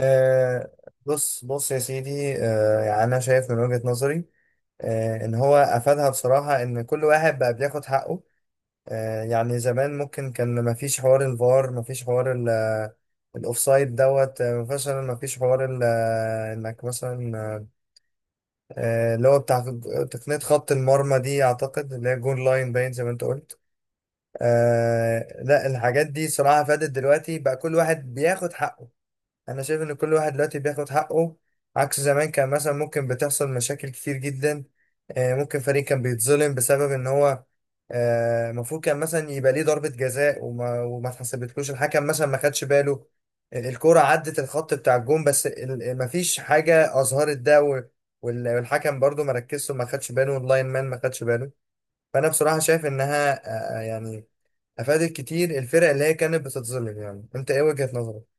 آه، بص بص يا سيدي، يعني انا شايف من وجهة نظري. ان هو افادها بصراحة، ان كل واحد بقى بياخد حقه. يعني زمان ممكن كان ما فيش حوار الفار، ما فيش حوار الاوفسايد دوت، مثلا ما فيش حوار انك مثلا، اللي هو بتاع تقنية خط المرمى دي، اعتقد اللي هي جون لاين، باين زي ما انت قلت. آه لا، الحاجات دي صراحة فادت، دلوقتي بقى كل واحد بياخد حقه. انا شايف ان كل واحد دلوقتي بياخد حقه، عكس زمان كان مثلا ممكن بتحصل مشاكل كتير جدا. ممكن فريق كان بيتظلم بسبب ان هو، المفروض كان مثلا يبقى ليه ضربة جزاء، وما اتحسبتلوش، الحكم مثلا ما خدش باله. الكرة عدت الخط بتاع الجون، بس مفيش حاجة أظهرت ده، والحكم برضو ما ركزش وما خدش باله، واللاين مان ما خدش باله. فأنا بصراحة شايف إنها، يعني أفادت كتير الفرق اللي هي كانت بتتظلم. يعني أنت إيه وجهة نظرك؟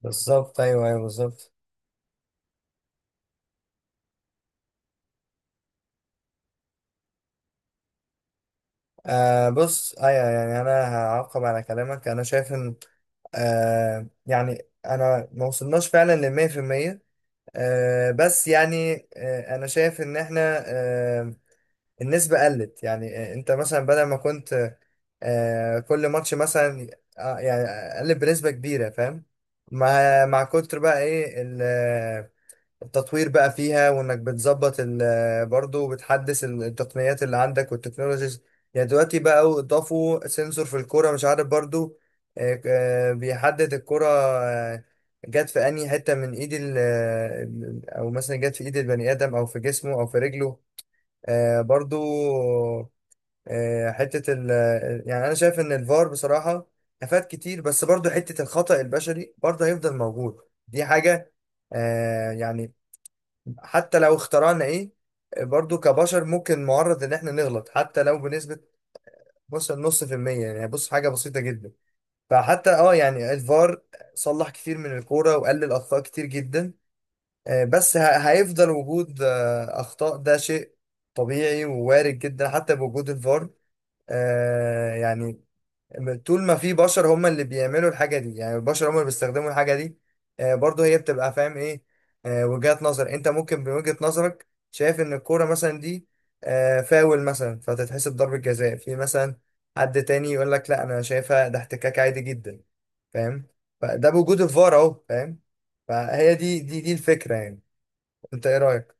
بالظبط، ايوه، ايوه، بالظبط. آه، بص، ايوه، يعني انا هعقب على كلامك. انا شايف ان يعني انا ما وصلناش فعلا للمية في المية. بس يعني، انا شايف ان احنا النسبة قلت، يعني انت مثلا، بدل ما كنت كل ماتش مثلا، يعني قلت بنسبة كبيرة، فاهم؟ مع كتر بقى ايه التطوير بقى فيها، وانك بتظبط برضو بتحدث التقنيات اللي عندك والتكنولوجيز. يعني دلوقتي بقى اضافوا سنسور في الكرة، مش عارف برضو. بيحدد الكرة جت في انهي حتة من ايد او مثلا جت في ايد البني ادم، او في جسمه، او في رجله. برضو، آه، حتة ال آه، يعني انا شايف ان الفار بصراحة افاد كتير، بس برضو حتة الخطأ البشري برضو هيفضل موجود. دي حاجة. يعني حتى لو اخترعنا ايه، برضو كبشر ممكن معرض ان احنا نغلط، حتى لو بنسبة مثلا نص في المية، يعني بص حاجة بسيطة جدا. فحتى يعني الفار صلح كتير من الكورة، وقلل اخطاء كتير جدا. بس هيفضل وجود اخطاء. ده شيء طبيعي ووارد جدا، حتى بوجود الفار. يعني طول ما في بشر هم اللي بيعملوا الحاجة دي، يعني البشر هم اللي بيستخدموا الحاجة دي. برضه هي بتبقى فاهم ايه، وجهات نظر. انت ممكن بوجهة نظرك شايف ان الكورة مثلا دي فاول مثلا، فتتحسب ضربة جزاء. في مثلا حد تاني يقول لك لا، انا شايفها ده احتكاك عادي جدا، فاهم. فده بوجود الفار اهو، فاهم. فهي دي الفكرة، يعني. انت ايه رأيك؟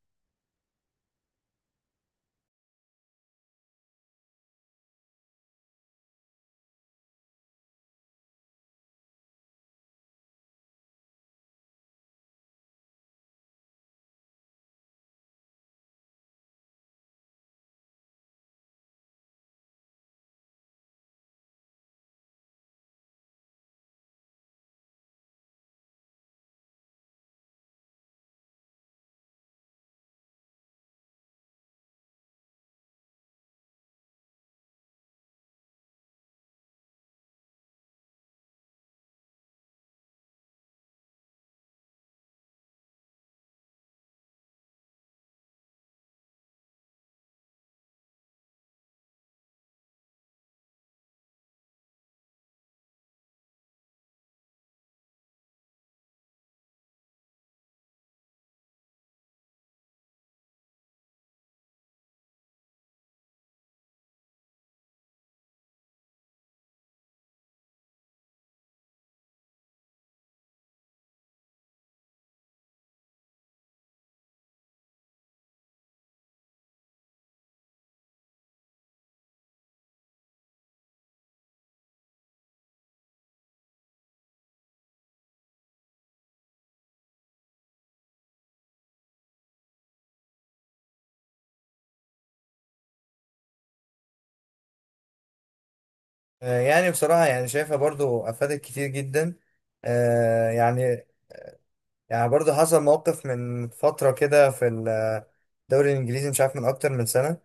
يعني بصراحة يعني شايفها برضو افادت كتير جدا. آه، يعني يعني برضه حصل موقف من فترة كده في الدوري الإنجليزي، مش عارف، من أكتر من سنة.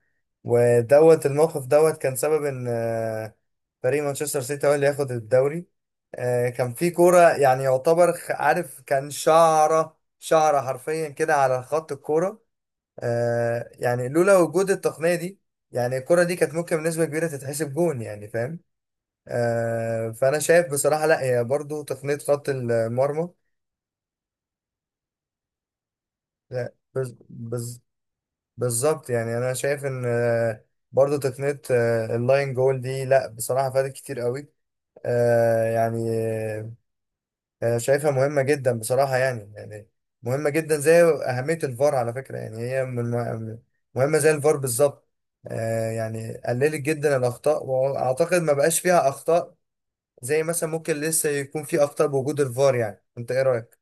ودوت الموقف دوت كان سبب إن فريق مانشستر سيتي هو اللي ياخد الدوري. كان في كورة، يعني يعتبر عارف، كان شعرة شعرة حرفيا كده على خط الكورة. يعني لولا وجود التقنية دي، يعني الكورة دي كانت ممكن بنسبة كبيرة تتحسب جون، يعني فاهم. فأنا شايف بصراحة لا، هي برضه تقنية خط المرمى. لا، بالظبط، يعني انا شايف ان برضو تقنية اللاين جول دي، لا بصراحة، فادت كتير قوي. يعني شايفها مهمة جدا بصراحة، يعني مهمة جدا زي أهمية الفار، على فكرة، يعني هي مهمة زي الفار بالظبط. يعني قللت جدا الأخطاء، وأعتقد ما بقاش فيها أخطاء، زي مثلا ممكن لسه يكون في أخطاء بوجود الفار. يعني أنت إيه رأيك؟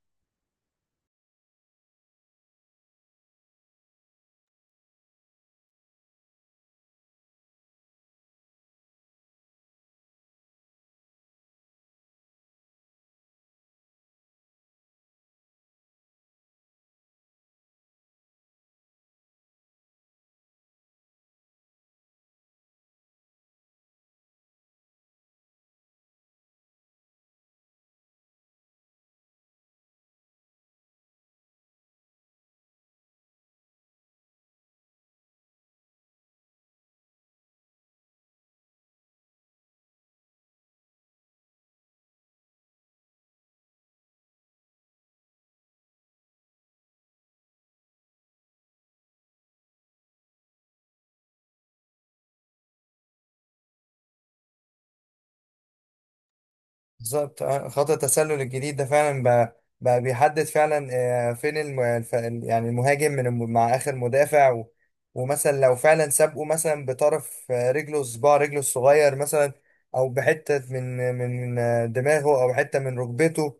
بالظبط. خط التسلل الجديد ده فعلا بقى بيحدد فعلا، فين يعني المهاجم من مع اخر مدافع، ومثلا لو فعلا سابقه مثلا بطرف رجله، صباع رجله الصغير مثلا، او بحته من دماغه، او حته من ركبته،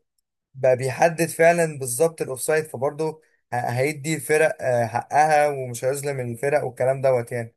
بقى بيحدد فعلا بالظبط الاوفسايد. فبرضه هيدي الفرق حقها، ومش هيظلم الفرق والكلام دوت، يعني.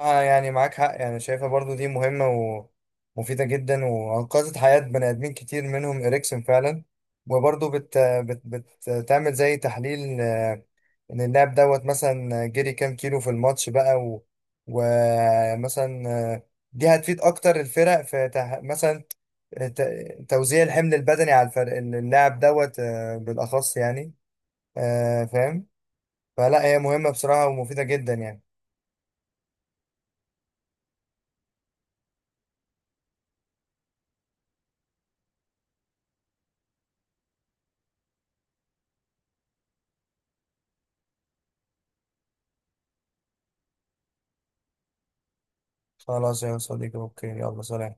اه، يعني معاك حق، يعني شايفها برضو دي مهمة، ومفيدة جدا، وأنقذت حياة بني آدمين كتير، منهم إريكسون فعلا. وبرضو بتعمل زي تحليل، إن اللاعب دوت مثلا جري كام كيلو في الماتش بقى، ومثلا آه، دي هتفيد أكتر الفرق في مثلا توزيع الحمل البدني على الفرق، اللاعب دوت بالأخص، يعني فاهم. فلا هي مهمة بصراحة ومفيدة جدا، يعني. خلاص يا صديقي، أوكي، يلا، سلام.